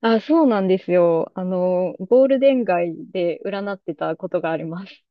あ、そうなんですよ。ゴールデン街で占ってたことがあります。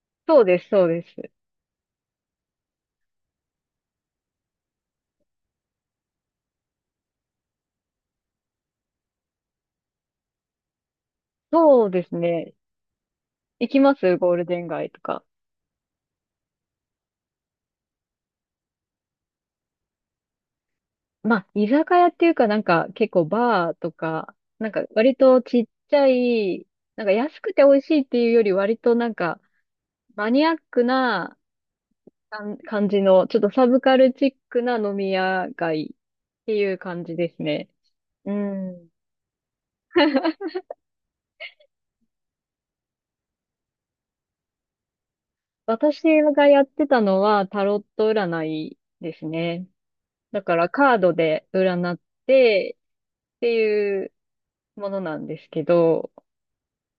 そうです、そうです。そうですね。行きますゴールデン街とか。まあ、居酒屋っていうか結構バーとか、なんか割とちっちゃい、なんか安くて美味しいっていうより割となんかマニアックな感じの、ちょっとサブカルチックな飲み屋街っていう感じですね。うん。私がやってたのはタロット占いですね。だからカードで占ってっていうものなんですけど、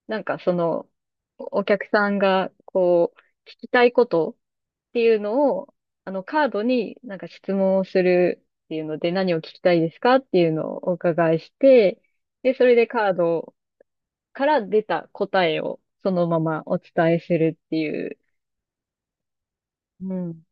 なんかその、お客さんがこう聞きたいことっていうのを、あのカードになんか質問をするっていうので、何を聞きたいですかっていうのをお伺いして、で、それでカードから出た答えをそのままお伝えするっていう。うん。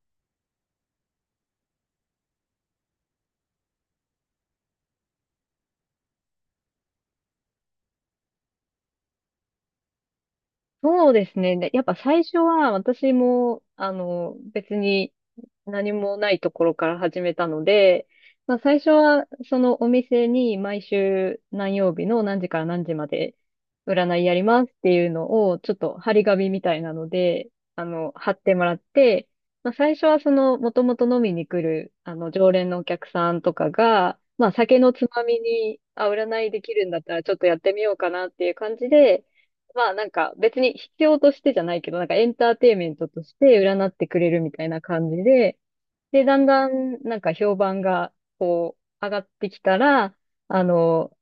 そうですね。で、やっぱ最初は私も、あの、別に何もないところから始めたので、まあ最初はそのお店に、毎週何曜日の何時から何時まで占いやりますっていうのをちょっと張り紙みたいなので、あの、貼ってもらって、まあ最初はその元々飲みに来る、あの、常連のお客さんとかが、まあ酒のつまみに、あ、占いできるんだったらちょっとやってみようかなっていう感じで、まあなんか別に必要としてじゃないけど、なんかエンターテインメントとして占ってくれるみたいな感じで、で、だんだんなんか評判が上がってきたら、あの、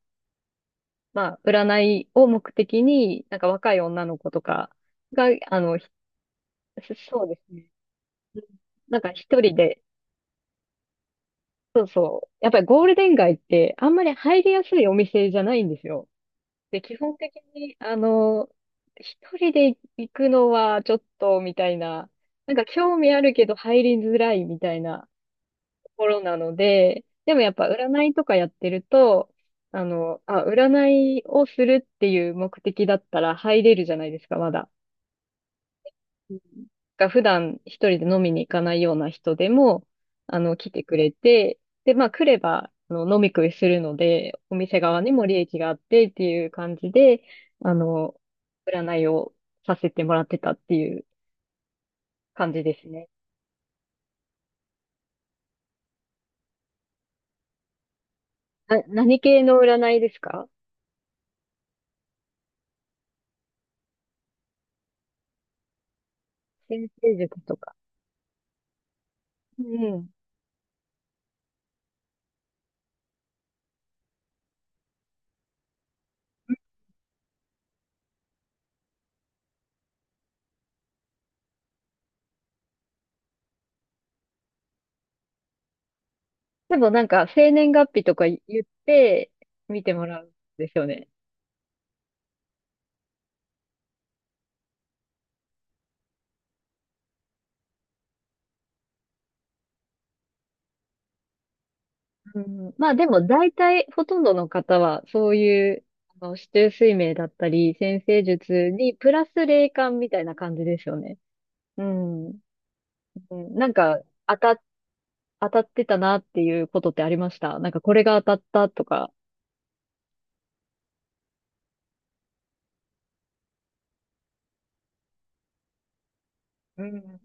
まあ占いを目的に、なんか若い女の子とかが、そうですね。うん。なんか一人で、そうそう。やっぱりゴールデン街ってあんまり入りやすいお店じゃないんですよ。で、基本的に、あの、一人で行くのはちょっと、みたいな、なんか興味あるけど入りづらいみたいなところなので、でもやっぱ占いとかやってると、あ、占いをするっていう目的だったら入れるじゃないですか、まだ。うん。が普段一人で飲みに行かないような人でも、あの、来てくれて、で、まあ来れば、あの、飲み食いするので、お店側にも利益があってっていう感じで、あの、占いをさせてもらってたっていう感じですね。何系の占いですか？先生術とか。うん。でもなんか、生年月日とか言って、見てもらうんですよね。うん、まあでも大体ほとんどの方はそういう、あの、指定睡眠だったり先生術にプラス霊感みたいな感じですよね。うん。うん。なんか当た、当たってたなっていうことってありました？なんかこれが当たったとか。うん。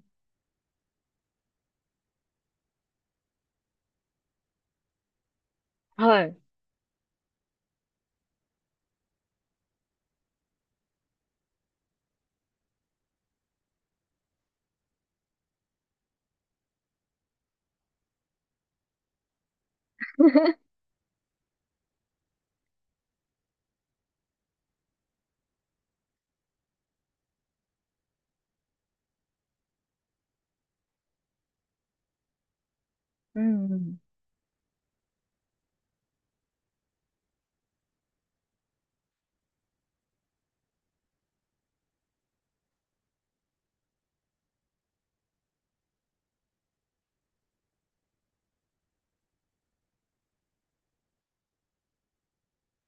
はい。うんうん。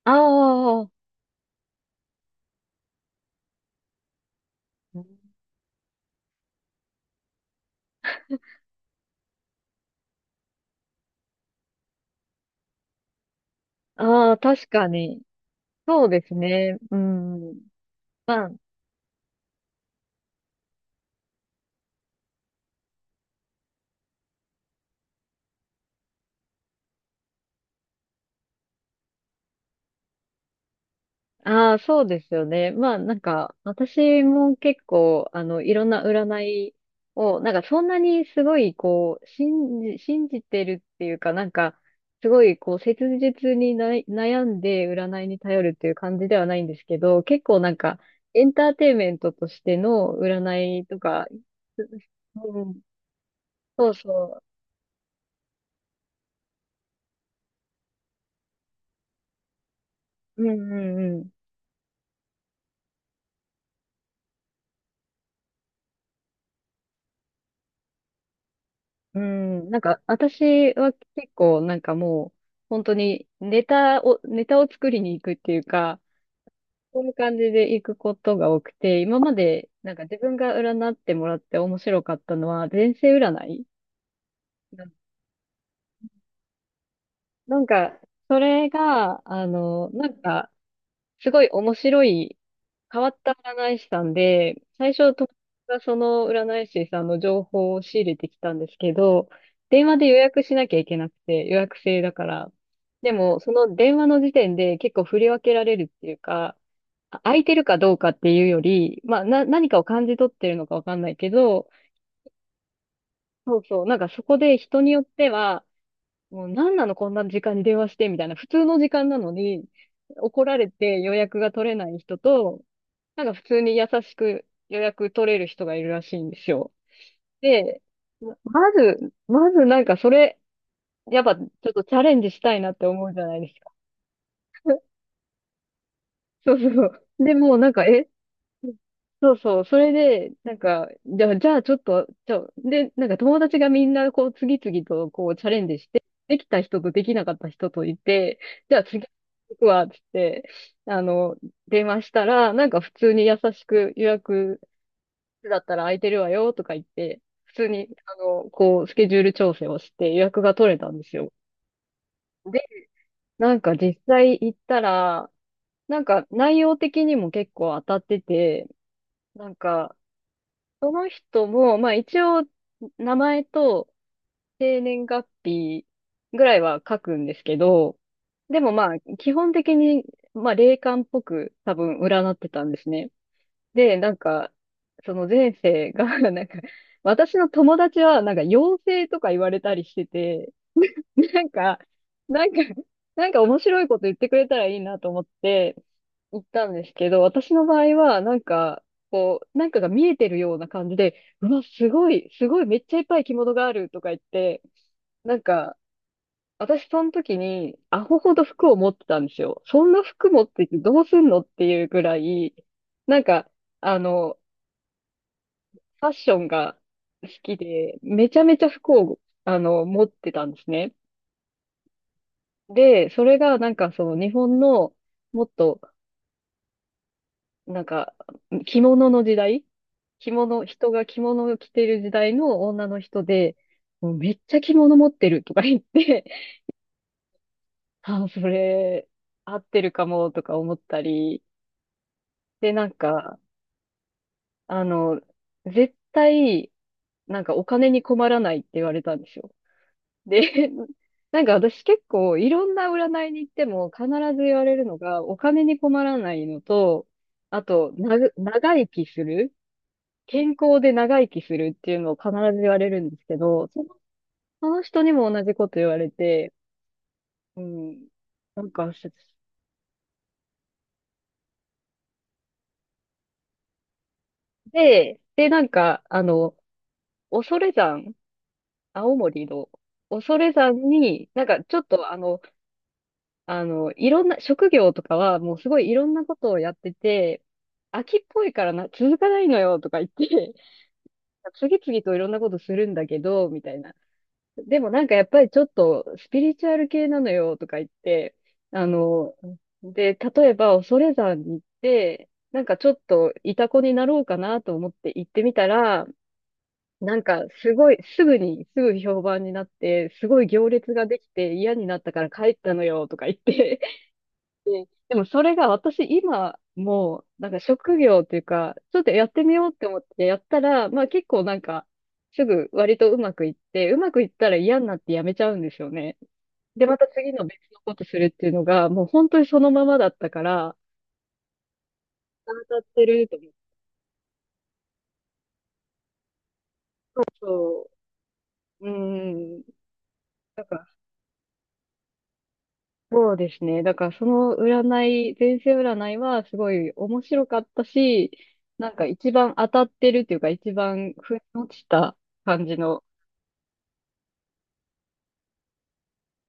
ああ、ああ、確かに。そうですね。うん。まあ、ああ、そうですよね。まあ、なんか、私も結構、あの、いろんな占いを、なんか、そんなにすごい、こう、信じてるっていうか、なんか、すごい、こう、切実にな悩んで占いに頼るっていう感じではないんですけど、結構なんか、エンターテインメントとしての占いとか、うん、そうそう、うんうんうん。うん、なんか、私は結構、なんかもう、本当にネタを作りに行くっていうか、そういう感じで行くことが多くて、今まで、なんか自分が占ってもらって面白かったのは、前世占いななんか、それが、あの、なんか、すごい面白い、変わった占い師さんで、最初友達がその占い師さんの情報を仕入れてきたんですけど、電話で予約しなきゃいけなくて、予約制だから。でも、その電話の時点で結構振り分けられるっていうか、あ、空いてるかどうかっていうより、まあ、何かを感じ取ってるのかわかんないけど、そうそう、なんかそこで人によっては、もう何なのこんな時間に電話してみたいな、普通の時間なのに、怒られて予約が取れない人と、なんか普通に優しく予約取れる人がいるらしいんですよ。で、ままず、まずなんかそれ、やっぱちょっとチャレンジしたいなって思うじゃないですか。そうそう。で、もうなんか、え、そうそう。それで、なんか、じゃあ、じゃあちょっと、ちょ、で、なんか友達がみんなこう次々とこうチャレンジして、できた人とできなかった人といて、じゃあ次行くわ、つって、あの、電話したら、なんか普通に優しく予約だったら空いてるわよとか言って、普通に、あの、こう、スケジュール調整をして予約が取れたんですよ。で、なんか実際行ったら、なんか内容的にも結構当たってて、なんか、その人も、まあ一応、名前と生年月日ぐらいは書くんですけど、でもまあ、基本的に、まあ霊感っぽく多分占ってたんですね。で、なんか、その前世が なんか、私の友達は、なんか、妖精とか言われたりしてて、なんか、なんか、なんか面白いこと言ってくれたらいいなと思って、行ったんですけど、私の場合は、なんか、こう、なんかが見えてるような感じで、うわ、すごい、すごい、めっちゃいっぱい着物があるとか言って、なんか、私その時に、アホほど服を持ってたんですよ。そんな服持っててどうすんのっていうぐらい、なんか、あの、ファッションが好きで、めちゃめちゃ服を、あの、持ってたんですね。で、それがなんかその日本のもっと、なんか、着物の時代着物、人が着物を着てる時代の女の人で、もうめっちゃ着物持ってるとか言って、あ、それ、合ってるかもとか思ったり、で、なんか、あの、絶対、なんかお金に困らないって言われたんですよ。で、なんか私結構いろんな占いに行っても必ず言われるのがお金に困らないのと、あと、長生きする、健康で長生きするっていうのを必ず言われるんですけど、その人にも同じこと言われて、うん。なんかし、で、なんか、あの、恐山、青森の恐山に、なんかちょっと、あの、あの、いろんな、職業とかはもうすごいいろんなことをやってて、飽きっぽいからな、続かないのよとか言って、次々といろんなことするんだけど、みたいな。でもなんかやっぱりちょっとスピリチュアル系なのよとか言って、あの、で、例えば恐山に行って、なんかちょっとイタコになろうかなと思って行ってみたら、なんかすごい、すぐに、すぐ評判になって、すごい行列ができて嫌になったから帰ったのよとか言って、ね、でもそれが私今もうなんか職業っていうか、ちょっとやってみようって思ってやったら、まあ結構なんかすぐ割とうまくいって、うまくいったら嫌になってやめちゃうんですよね。で、また次の別のことするっていうのがもう本当にそのままだったから、当たってると思う。そう。うん。だから、そうですね。だからその占い、前世占いはすごい面白かったし、なんか一番当たってるっていうか一番腑に落ちた感じの